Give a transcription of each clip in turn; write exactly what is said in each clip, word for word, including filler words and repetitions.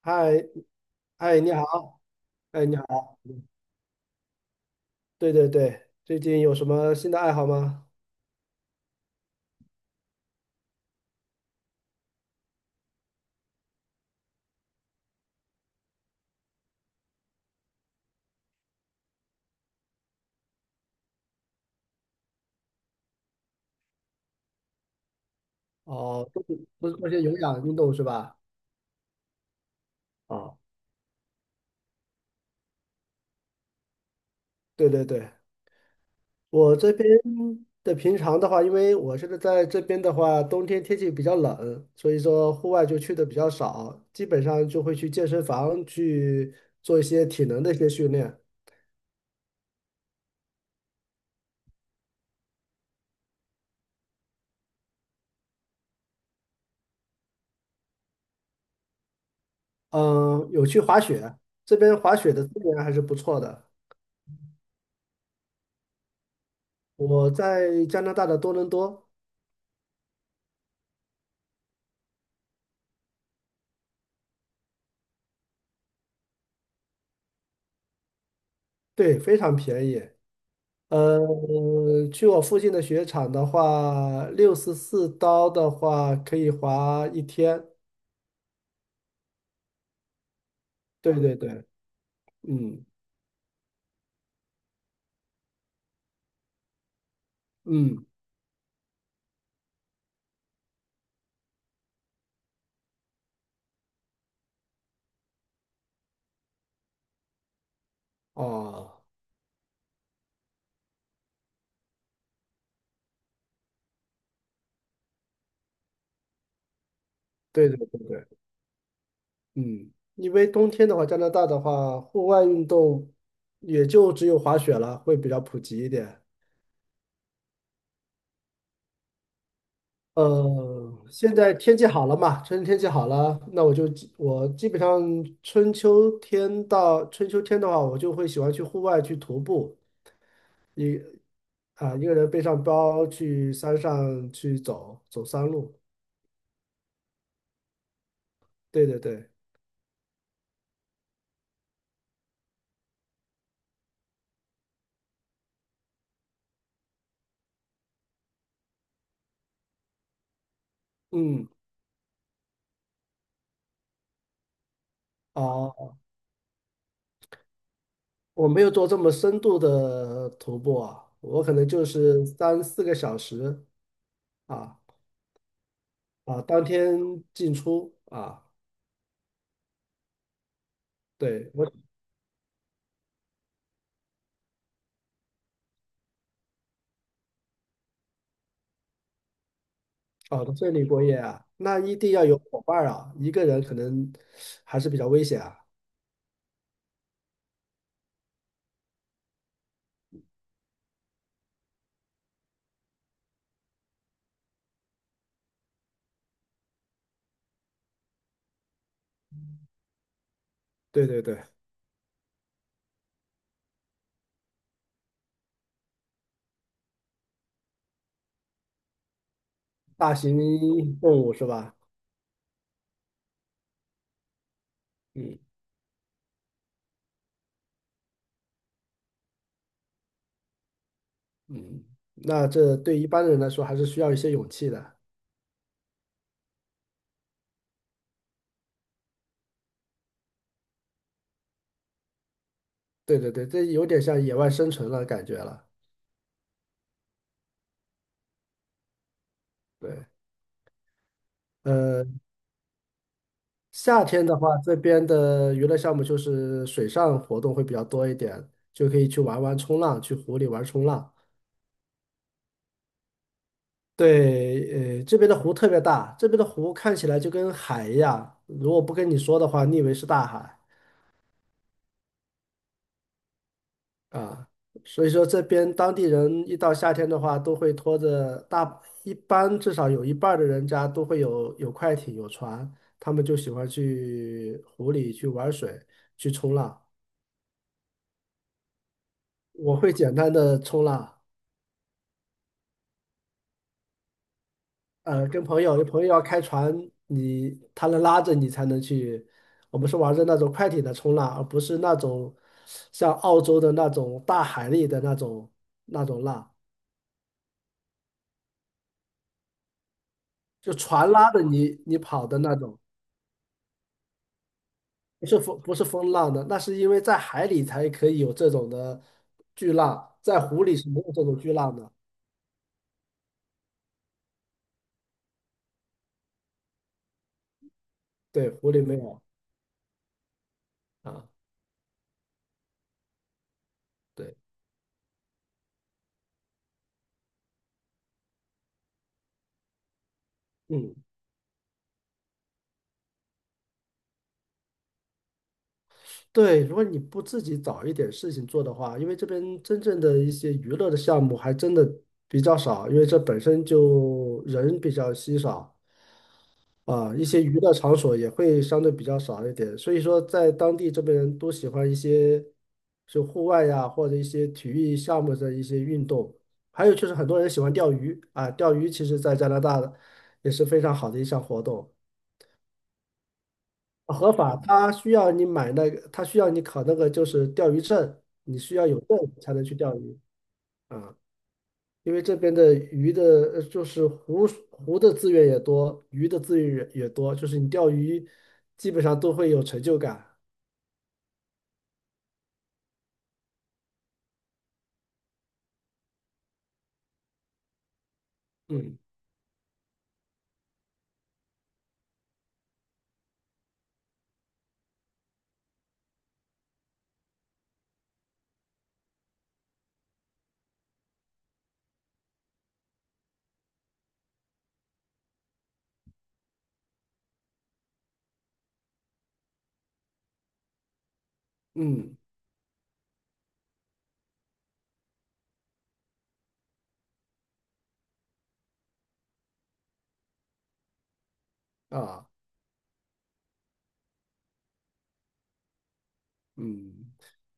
嗨，哎，你好，哎，你好，对对对，最近有什么新的爱好吗？哦，都是都是做些有氧运动是吧？哦，对对对，我这边的平常的话，因为我现在在这边的话，冬天天气比较冷，所以说户外就去的比较少，基本上就会去健身房去做一些体能的一些训练。嗯，有去滑雪，这边滑雪的资源还是不错的。我在加拿大的多伦多，对，非常便宜。呃，去我附近的雪场的话，六十四刀的话可以滑一天。对对对，嗯嗯，哦，对对对对，嗯，因为冬天的话，加拿大的话，户外运动也就只有滑雪了，会比较普及一点。呃，现在天气好了嘛，春天气好了，那我就基我基本上春秋天到春秋天的话，我就会喜欢去户外去徒步。啊，一个人背上包去山上去走走山路。对对对，嗯，哦，我没有做这么深度的徒步啊，我可能就是三四个小时啊啊，当天进出啊。对，我哦，在这里过夜啊，那一定要有伙伴儿啊，一个人可能还是比较危险啊。对对对，大型动物是吧？嗯嗯，那这对一般人来说还是需要一些勇气的。对对对，这有点像野外生存了感觉了。对，呃，夏天的话，这边的娱乐项目就是水上活动会比较多一点，就可以去玩玩冲浪，去湖里玩冲浪。对，呃，这边的湖特别大，这边的湖看起来就跟海一样，如果不跟你说的话，你以为是大海。啊，所以说这边当地人一到夏天的话，都会拖着大，一般至少有一半儿的人家都会有有快艇、有船，他们就喜欢去湖里去玩水、去冲浪。我会简单的冲浪，呃，跟朋友，有朋友要开船，你他能拉着你才能去。我们是玩的那种快艇的冲浪，而不是那种像澳洲的那种大海里的那种那种浪，就船拉着你你跑的那种。不是风，不是风浪的，那是因为在海里才可以有这种的巨浪，在湖里是没有这种巨浪的。对，湖里没有啊。对，嗯对，如果你不自己找一点事情做的话，因为这边真正的一些娱乐的项目还真的比较少，因为这本身就人比较稀少。啊，一些娱乐场所也会相对比较少一点，所以说在当地这边人都喜欢一些就户外呀，或者一些体育项目的一些运动，还有就是很多人喜欢钓鱼啊，钓鱼其实在加拿大的也是非常好的一项活动，啊合法，它需要你买那个，它需要你考那个就是钓鱼证，你需要有证才能去钓鱼啊。因为这边的鱼的，呃就是湖湖的资源也多，鱼的资源也也多，就是你钓鱼基本上都会有成就感。嗯嗯啊嗯，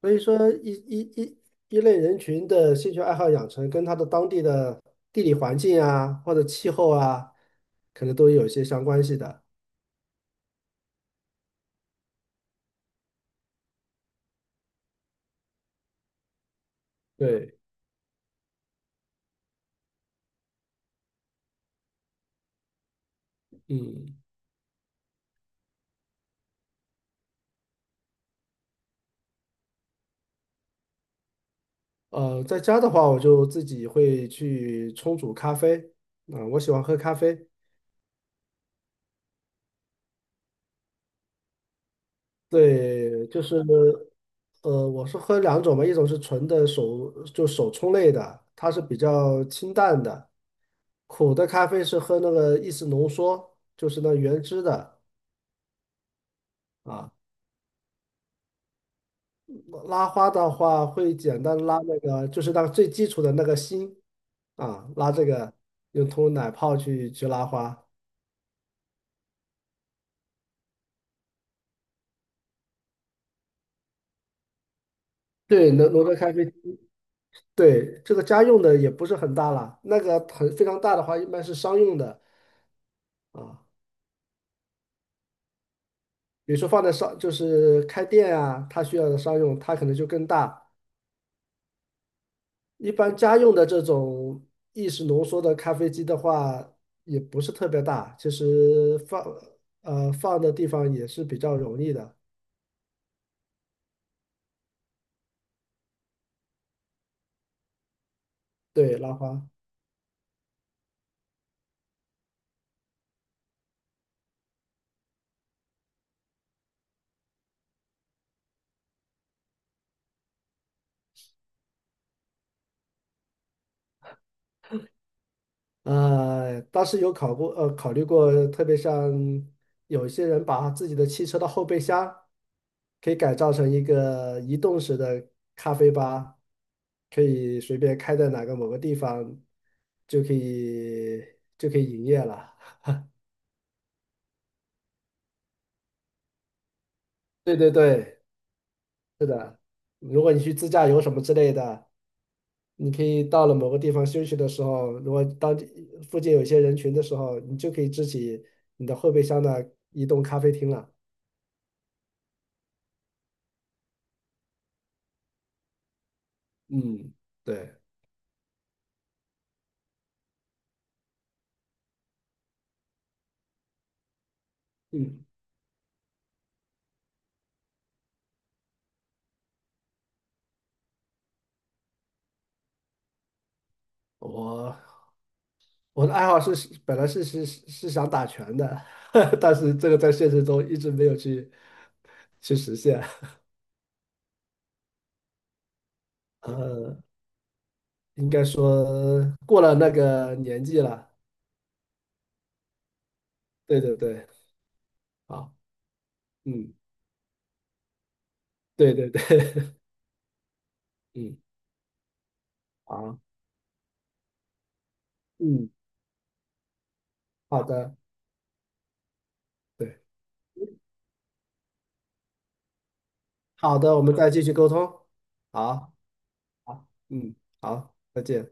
所以说一一一一类人群的兴趣爱好养成，跟他的当地的地理环境啊，或者气候啊，可能都有一些相关系的。对，嗯呃，在家的话，我就自己会去冲煮咖啡啊，我喜欢喝咖啡。对，就是呃，我是喝两种嘛，一种是纯的手就手冲类的，它是比较清淡的，苦的咖啡是喝那个意式浓缩，就是那原汁的啊。拉花的话会简单拉那个，就是那个最基础的那个心啊，拉这个用通奶泡去去拉花。对，浓浓缩咖啡，对，这个家用的也不是很大了，那个很非常大的话一般是商用的啊。比如说放在商，就是开店啊，它需要的商用，它可能就更大。一般家用的这种意式浓缩的咖啡机的话，也不是特别大，其实放呃放的地方也是比较容易的。对，拉花。呃，当时有考过，呃，考虑过，特别像有些人把自己的汽车的后备箱可以改造成一个移动式的咖啡吧，可以随便开在哪个某个地方，就可以就可以营业了。对对对，如果你去自驾游什么之类的，你可以到了某个地方休息的时候，如果当地附近有一些人群的时候，你就可以支起你的后备箱的移动咖啡厅了。嗯，对。嗯，我我的爱好是本来是是是想打拳的，但是这个在现实中一直没有去去实现。呃，应该说过了那个年纪了。对对对，好，嗯，对对对，嗯，好，嗯，好的，对，好的，我们再继续沟通。好，好，嗯，好，再见。